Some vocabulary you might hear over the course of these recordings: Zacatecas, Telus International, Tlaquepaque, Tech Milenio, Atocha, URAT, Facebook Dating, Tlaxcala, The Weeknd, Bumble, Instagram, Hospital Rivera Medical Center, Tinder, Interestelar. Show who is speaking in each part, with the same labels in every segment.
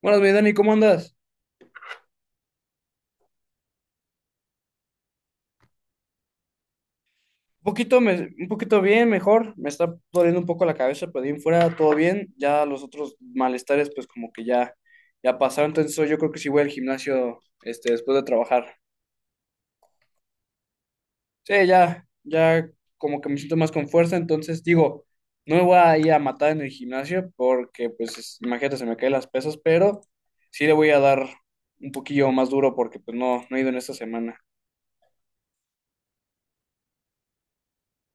Speaker 1: Buenas, mi Dani, ¿cómo andas? Un poquito, un poquito bien, mejor. Me está doliendo un poco la cabeza, pero de ahí en fuera todo bien. Ya los otros malestares, pues como que ya pasaron. Entonces yo creo que sí voy al gimnasio, este, después de trabajar. Sí, ya como que me siento más con fuerza. Entonces digo, no me voy a ir a matar en el gimnasio porque, pues, imagínate, se me caen las pesas, pero sí le voy a dar un poquillo más duro porque, pues, no he ido en esta semana.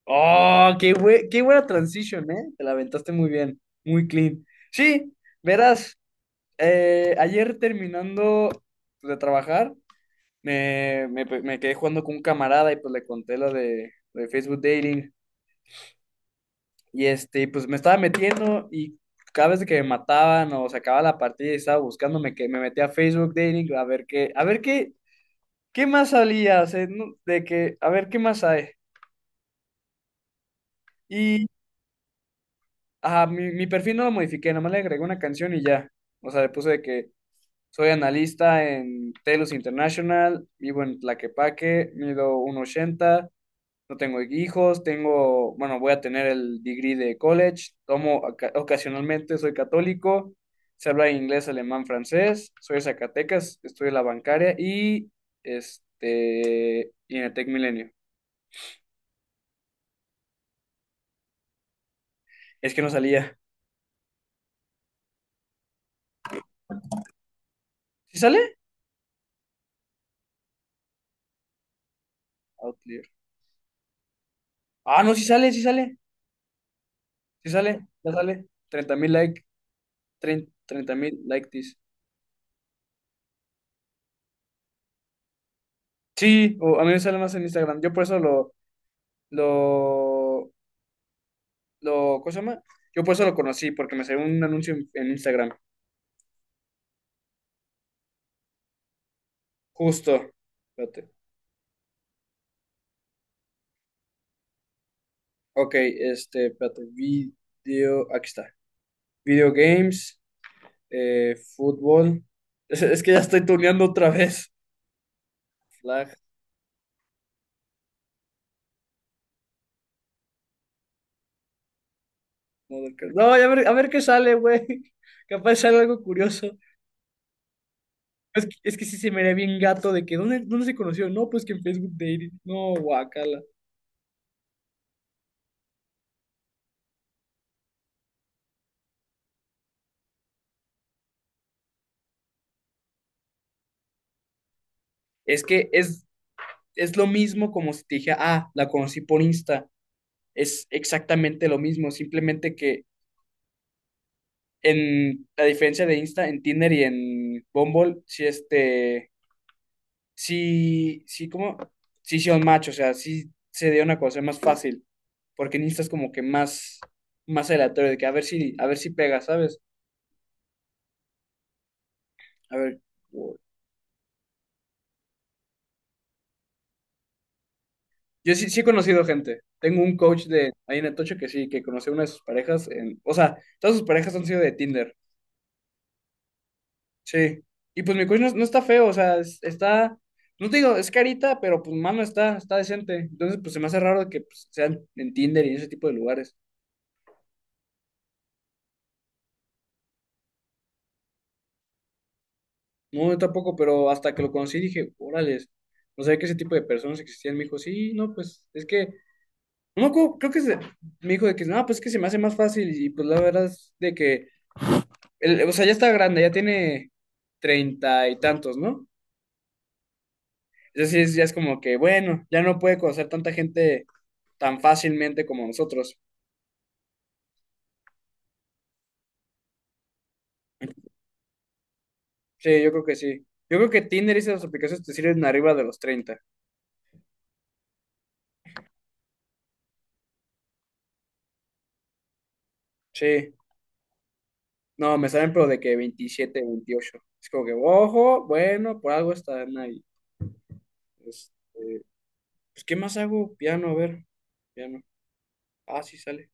Speaker 1: Oh, qué buena transition, ¿eh? Te la aventaste muy bien, muy clean. Sí, verás, ayer terminando de trabajar, pues, me quedé jugando con un camarada y pues le conté lo de Facebook Dating. Y este, pues me estaba metiendo y cada vez que me mataban o se acababa la partida y estaba buscándome, que me metía a Facebook Dating a ver qué, qué más salía, o sea, de que, a ver qué más hay. Ajá, mi perfil no lo modifiqué, nomás le agregué una canción y ya. O sea, le puse de que soy analista en Telus International, vivo en Tlaquepaque, mido 1.80. No tengo hijos, tengo, bueno, voy a tener el degree de college, tomo ocasionalmente, soy católico, se habla inglés, alemán, francés, soy de Zacatecas, estoy en la bancaria y este, y en el Tech Milenio. Es que no salía. ¿Sí sale? Outlier. Ah, no, sí sale, sí sale. Si sale, ya sale. 30,000 like, 30,000 like this. Sí, o a mí me sale más en Instagram. Yo por eso lo, ¿cómo se llama? Yo por eso lo conocí, porque me salió un anuncio en Instagram. Justo. Espérate. Ok, este, espérate. Video, aquí está. Video games, fútbol. Es que ya estoy tuneando otra vez. Flag. No, a ver, qué sale, güey. Capaz sale algo curioso. Es que sí se me ve bien gato de que, dónde se conoció? No, pues que en Facebook Dating. No, guacala. Es que es, es lo mismo como si te dije, ah, la conocí por Insta. Es exactamente lo mismo, simplemente que en la diferencia de Insta, en Tinder y en Bumble, sí, este, sí, sí, como, sí, sí, un match, o sea, sí se dio una cosa, es más fácil, porque en Insta es como que más aleatorio, de que a ver si pega, ¿sabes? A ver, yo sí, sí he conocido gente. Tengo un coach de ahí en Atocha que sí, que conoció una de sus parejas. O sea, todas sus parejas han sido de Tinder. Sí. Y pues mi coach no está feo, o sea, está. No te digo, es carita, pero pues mano está, está decente. Entonces, pues se me hace raro que pues, sean en Tinder y en ese tipo de lugares. No, yo tampoco, pero hasta que lo conocí dije, órales, no sabía que ese tipo de personas existían. Me dijo, sí, no, pues es que. No, me acuerdo, creo que me dijo de que no, pues es que se me hace más fácil. Y pues la verdad es de que o sea, ya está grande, ya tiene treinta y tantos, ¿no? Es decir, ya es como que, bueno, ya no puede conocer tanta gente tan fácilmente como nosotros. Sí, yo creo que sí. Yo creo que Tinder y esas aplicaciones te sirven arriba de los 30. Sí. No, me salen pero de que 27, 28. Es como que, ojo, bueno, por algo están ahí. Este, pues, ¿qué más hago? Piano, a ver. Piano. Ah, sí sale.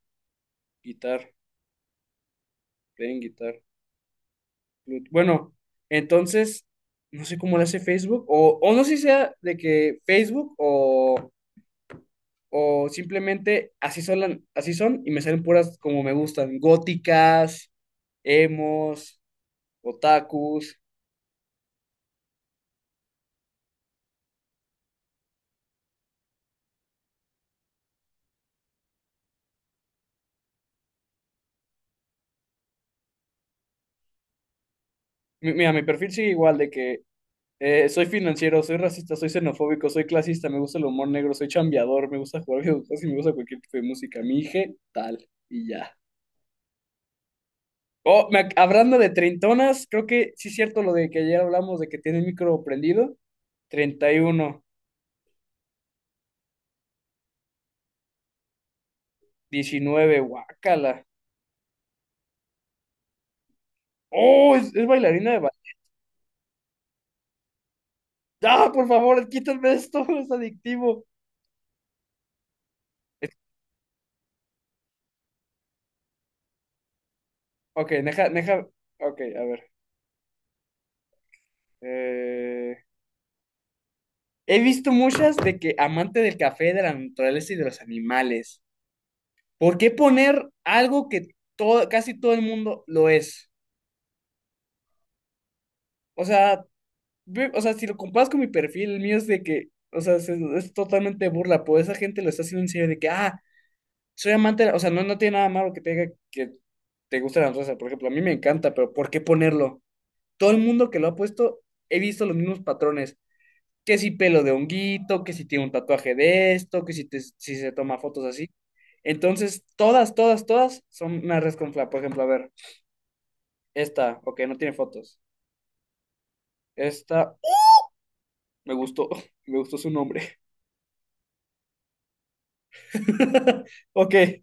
Speaker 1: Guitar, playing guitar. Bueno, entonces, no sé cómo lo hace Facebook, o no sé si sea de que Facebook o simplemente así son, así son y me salen puras como me gustan, góticas, emos, otakus. Mira, mi perfil sigue igual de que soy financiero, soy racista, soy xenofóbico, soy clasista, me gusta el humor negro, soy chambeador, me gusta jugar videojuegos y me gusta cualquier tipo de música. Mi hija, tal, y ya. Oh, hablando de treintonas, creo que sí es cierto lo de que ayer hablamos de que tiene el micro prendido. 31, 19 guácala. Oh, es bailarina de ¡ah, por favor, quítame esto! Es adictivo. Es- ok, deja, deja. Ok, a ver. Eh, he visto muchas de que amante del café, de la naturaleza y de los animales. ¿Por qué poner algo que casi todo el mundo lo es? O sea, ve, o sea, si lo comparas con mi perfil, el mío es de que, o sea, es totalmente burla, pues esa gente lo está haciendo en serio de que, ah, soy amante, o sea, no tiene nada malo que te diga que te gusta la rosa, por ejemplo, a mí me encanta, pero ¿por qué ponerlo? Todo el mundo que lo ha puesto, he visto los mismos patrones, que si pelo de honguito, que si tiene un tatuaje de esto, que si, te- si se toma fotos así. Entonces, todas, todas, todas son una res con fla. Por ejemplo, a ver, esta, ok, no tiene fotos. Esta, me gustó, me gustó su nombre. Ok.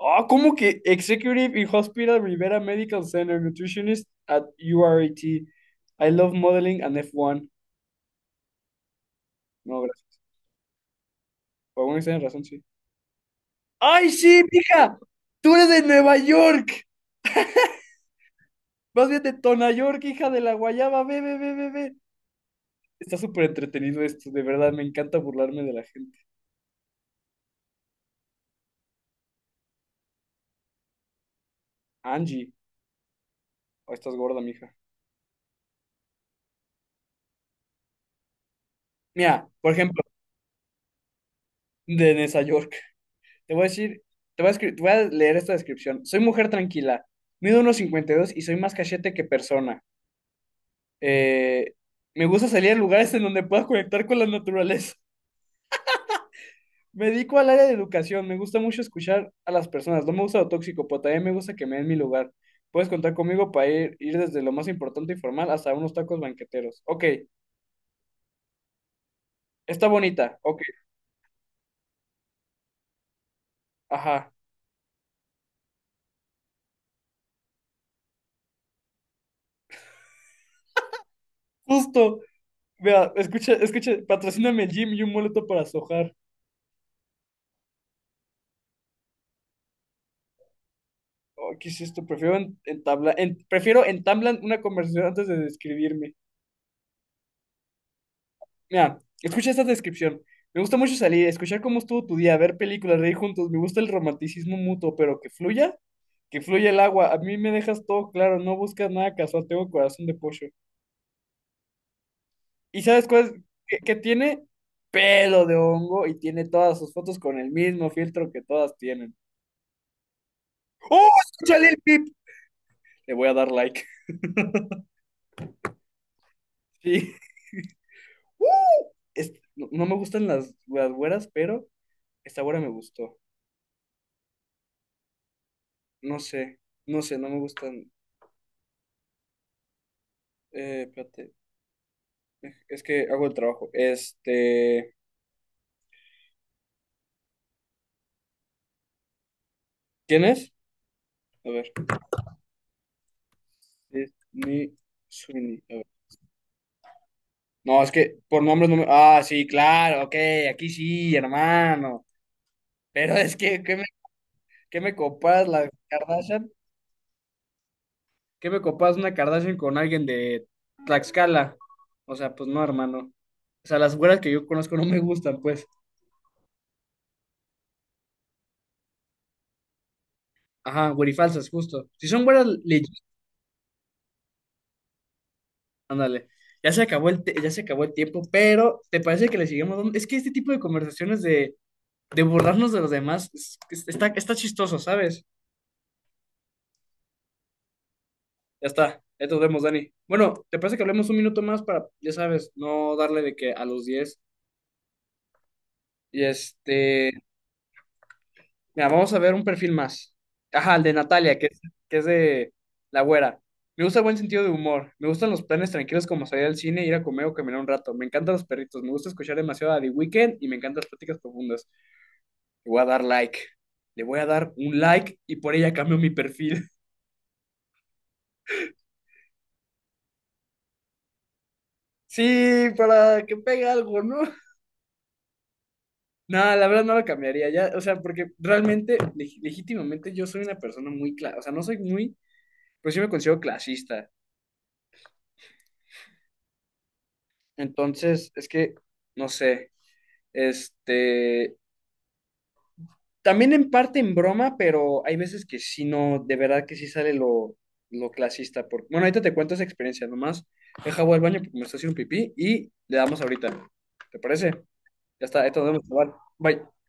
Speaker 1: Ah, ¿cómo que Executive in Hospital Rivera Medical Center Nutritionist at URAT? I love modeling and F1. No, gracias. Por alguna extraña razón, sí. ¡Ay, sí, hija! ¡Tú eres de Nueva York! Más bien de Tona York, hija de la guayaba. Ve, ve, ve, ve, ve. Está súper entretenido esto, de verdad. Me encanta burlarme de la gente. Angie. Oh, estás gorda, mija. Mira, por ejemplo, de Nueva York. Te voy a decir, te voy a leer esta descripción. Soy mujer tranquila, mido unos dos y soy más cachete que persona. Eh, me gusta salir a lugares en donde pueda conectar con la naturaleza. Me dedico al área de educación, me gusta mucho escuchar a las personas. No me gusta lo tóxico, pero también me gusta que me den mi lugar. Puedes contar conmigo para ir desde lo más importante y formal hasta unos tacos banqueteros. Ok, está bonita. Ok, ajá. Justo. Vea, escucha, escucha, patrocíname el gym y un boleto para sojar. Oh, ¿qué es esto? Prefiero en- entablar, en- prefiero entablan una conversación antes de describirme. Mira, escucha esta descripción. Me gusta mucho salir, escuchar cómo estuvo tu día, ver películas, reír juntos. Me gusta el romanticismo mutuo, pero que fluya el agua. A mí me dejas todo claro, no buscas nada casual, tengo corazón de pollo. ¿Y sabes cuál es? Que tiene pelo de hongo y tiene todas sus fotos con el mismo filtro que todas tienen. ¡Oh, escúchale el pip! Le voy a dar like. Sí. No, no me gustan las güeras, pero esta hora me gustó. No sé, no sé, no me gustan. Espérate, es que hago el trabajo. Este, ¿quién es? A ver, es mi Suni. A ver. No, es que por nombres no me. Ah, sí, claro, ok, aquí sí, hermano. Pero es que, qué me copas la Kardashian? ¿Qué me copas una Kardashian con alguien de Tlaxcala? O sea, pues no, hermano. O sea, las güeras que yo conozco no me gustan, pues. Ajá, güerifalsas, justo. Si son güeras. Ándale. Ya se acabó el tiempo, pero ¿te parece que le sigamos dando? Es que este tipo de conversaciones de burlarnos de los demás está, está chistoso, ¿sabes? Ya está, ya nos vemos, Dani. Bueno, ¿te parece que hablemos un minuto más para, ya sabes, no darle de que a los 10? Y este, mira, vamos a ver un perfil más. Ajá, el de Natalia, que es de la güera. Me gusta el buen sentido de humor. Me gustan los planes tranquilos como salir al cine, ir a comer o caminar un rato. Me encantan los perritos. Me gusta escuchar demasiado a The Weeknd y me encantan las pláticas profundas. Le voy a dar like. Le voy a dar un like y por ella cambio mi perfil. Sí, para que pegue algo, ¿no? Nada, la verdad no lo cambiaría ya, o sea, porque realmente, legítimamente yo soy una persona muy clara, o sea, no soy muy, pues yo me considero clasista. Entonces, es que, no sé, este, también en parte en broma, pero hay veces que sí, no, de verdad que sí sale lo clasista. Porque, bueno, ahorita te cuento esa experiencia, nomás deja voy al baño porque me está haciendo pipí y le damos ahorita. ¿Te parece? Ya está, esto nos vemos, chaval. Bye.